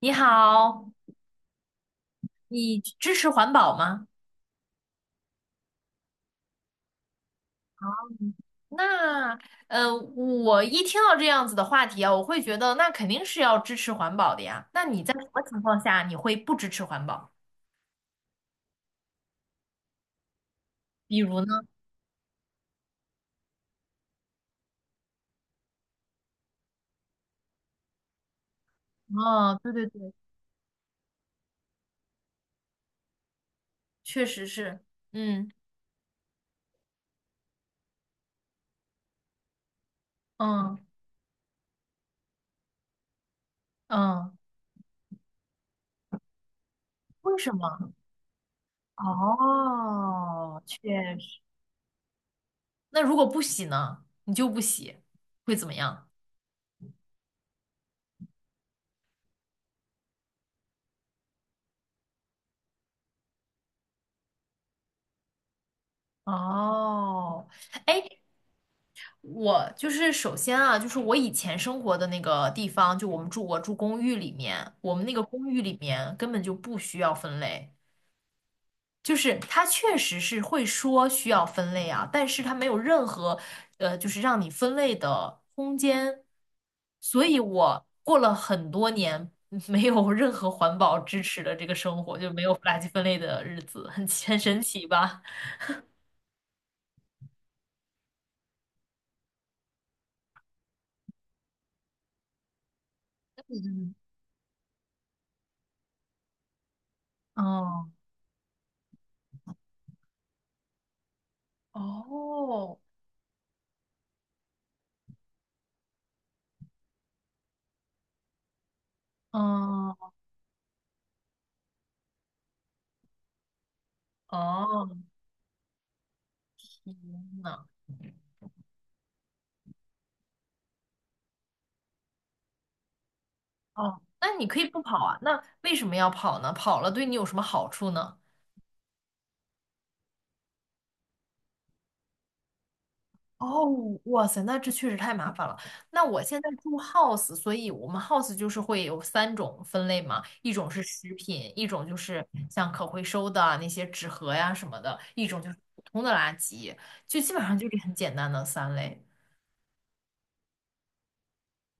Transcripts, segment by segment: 你好，你支持环保吗？嗯那我一听到这样子的话题啊，我会觉得那肯定是要支持环保的呀。那你在什么情况下你会不支持环保？比如呢？哦，对对对，确实是，嗯嗯嗯，为什么？哦，确实。那如果不洗呢？你就不洗，会怎么样？哦，哎，我就是首先啊，就是我以前生活的那个地方，就我住公寓里面，我们那个公寓里面根本就不需要分类，就是它确实是会说需要分类啊，但是它没有任何就是让你分类的空间，所以我过了很多年没有任何环保支持的这个生活，就没有垃圾分类的日子，很神奇吧？嗯，哦，哦，嗯，哦。天呐，哦，那你可以不跑啊，那为什么要跑呢？跑了对你有什么好处呢？哦，哇塞，那这确实太麻烦了。那我现在住 house，所以我们 house 就是会有三种分类嘛，一种是食品，一种就是像可回收的啊那些纸盒呀什么的，一种就是普通的垃圾，就基本上就是很简单的三类。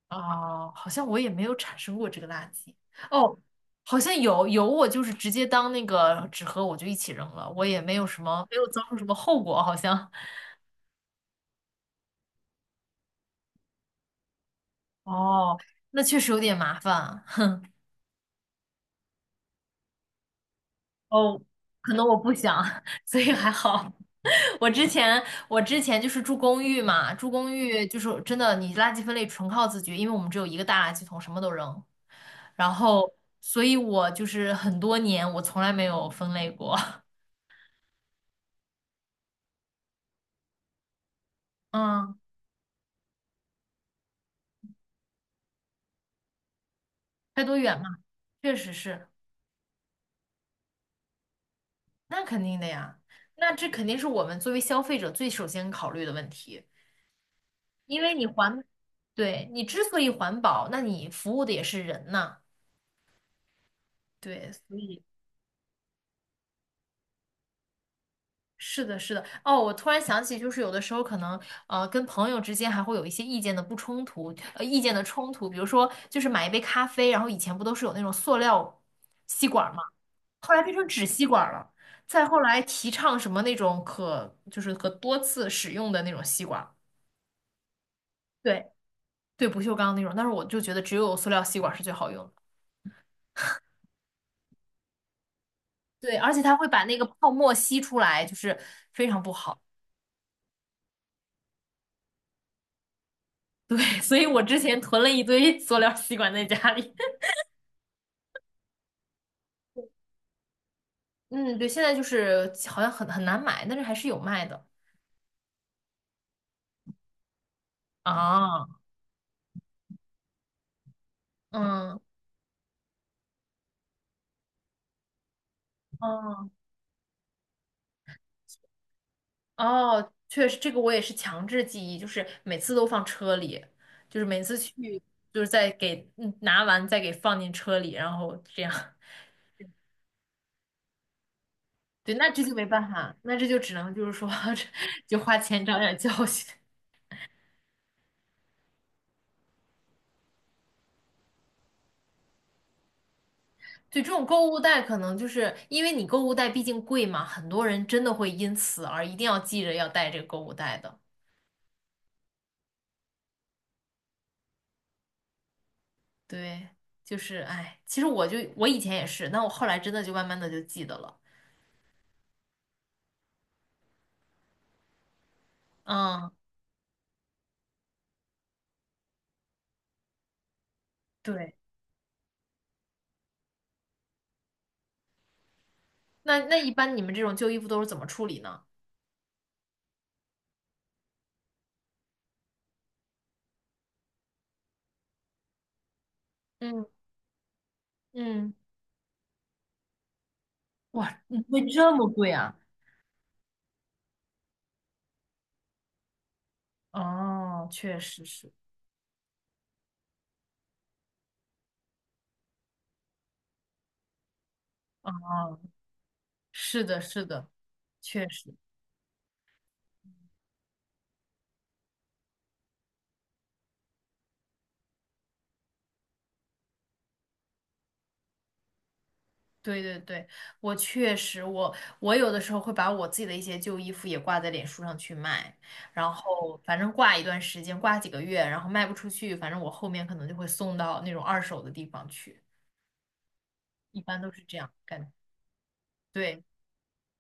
哦，好像我也没有产生过这个垃圾。哦，好像有有，我就是直接当那个纸盒，我就一起扔了，我也没有什么，没有遭受什么后果，好像。哦，那确实有点麻烦啊。哦，可能我不想，所以还好。我之前我之前就是住公寓嘛，住公寓就是真的，你垃圾分类纯靠自觉，因为我们只有一个大垃圾桶，什么都扔。然后，所以我就是很多年我从来没有分类过。嗯。开多远嘛，确实是，那肯定的呀，那这肯定是我们作为消费者最首先考虑的问题，因为你环，对，你之所以环保，那你服务的也是人呐，对，所以是的，是的，哦，我突然想起，就是有的时候可能跟朋友之间还会有一些意见的不冲突，意见的冲突，比如说就是买一杯咖啡，然后以前不都是有那种塑料吸管儿吗？后来变成纸吸管了，再后来提倡什么那种可就是可多次使用的那种吸管对对，不锈钢那种。但是我就觉得只有塑料吸管是最好用的，对，而且它会把那个泡沫吸出来，就是非常不好。对，所以我之前囤了一堆塑料吸管在家里。嗯，对，现在就是好像很难买，但是还是有卖的啊。嗯，哦哦，确实，这个我也是强制记忆，就是每次都放车里，就是每次去，就是再给嗯拿完再给放进车里，然后这样。对，那这就没办法，那这就只能就是说，就花钱长点教训。对，这种购物袋可能就是因为你购物袋毕竟贵嘛，很多人真的会因此而一定要记着要带这个购物袋的。对，就是哎，其实我就我以前也是，那我后来真的就慢慢的就记得了。嗯，对。那那一般你们这种旧衣服都是怎么处理呢？嗯嗯，哇，你会这么贵啊？哦，确实是，哦，是的，是的，确实，对对对，我确实，我有的时候会把我自己的一些旧衣服也挂在脸书上去卖，然后反正挂一段时间，挂几个月，然后卖不出去，反正我后面可能就会送到那种二手的地方去，一般都是这样干。对，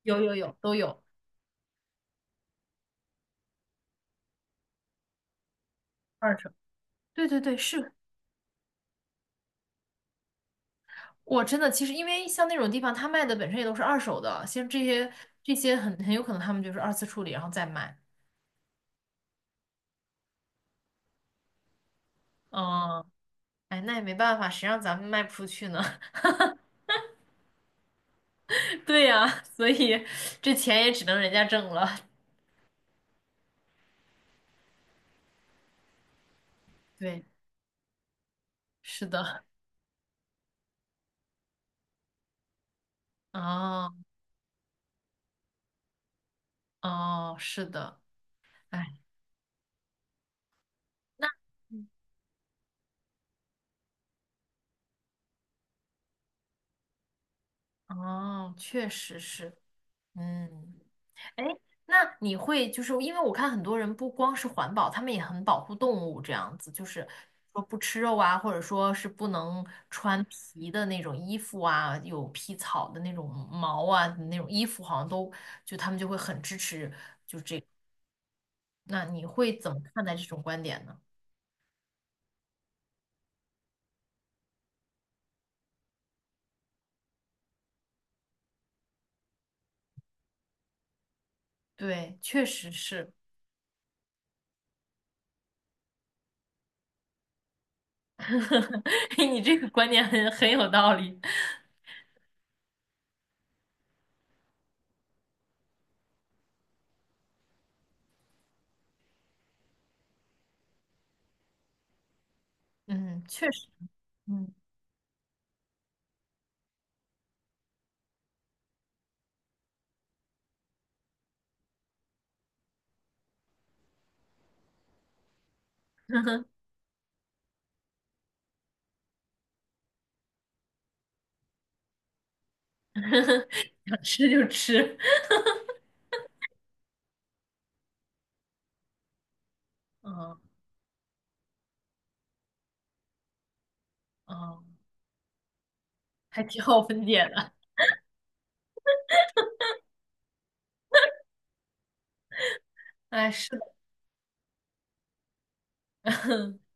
有有有，都有二手，对对对，是我真的其实，因为像那种地方，他卖的本身也都是二手的，像这些这些很有可能他们就是二次处理，然后再卖。嗯，哎，那也没办法，谁让咱们卖不出去呢？对呀，所以这钱也只能人家挣了。对，是的，哦哦，是的，哎，那嗯哦，确实是，嗯。哎，那你会就是因为我看很多人不光是环保，他们也很保护动物，这样子就是说不吃肉啊，或者说是不能穿皮的那种衣服啊，有皮草的那种毛啊，那种衣服好像都就他们就会很支持。那你会怎么看待这种观点呢？对，确实是，你这个观点很有道理。嗯，确实，嗯，想吃就吃，嗯嗯，还挺好分解的。哎，是的。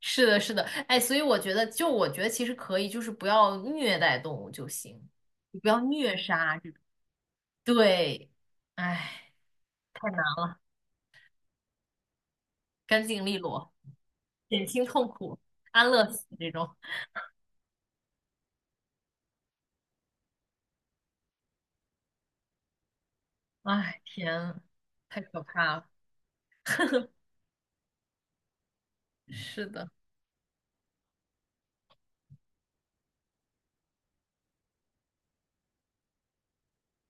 是的，是的，哎，所以我觉得，就我觉得其实可以，就是不要虐待动物就行，你不要虐杀这种。对，哎，太难了，干净利落，减轻痛苦，安乐死这种。哎，天啊，太可怕了。是的，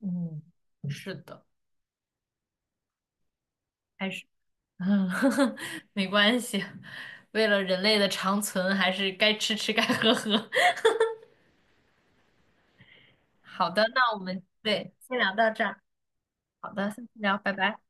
嗯，是的，还是嗯，没关系，为了人类的长存，还是该吃吃，该喝喝。好的，那我们对，先聊到这儿。好的，下次聊，拜拜。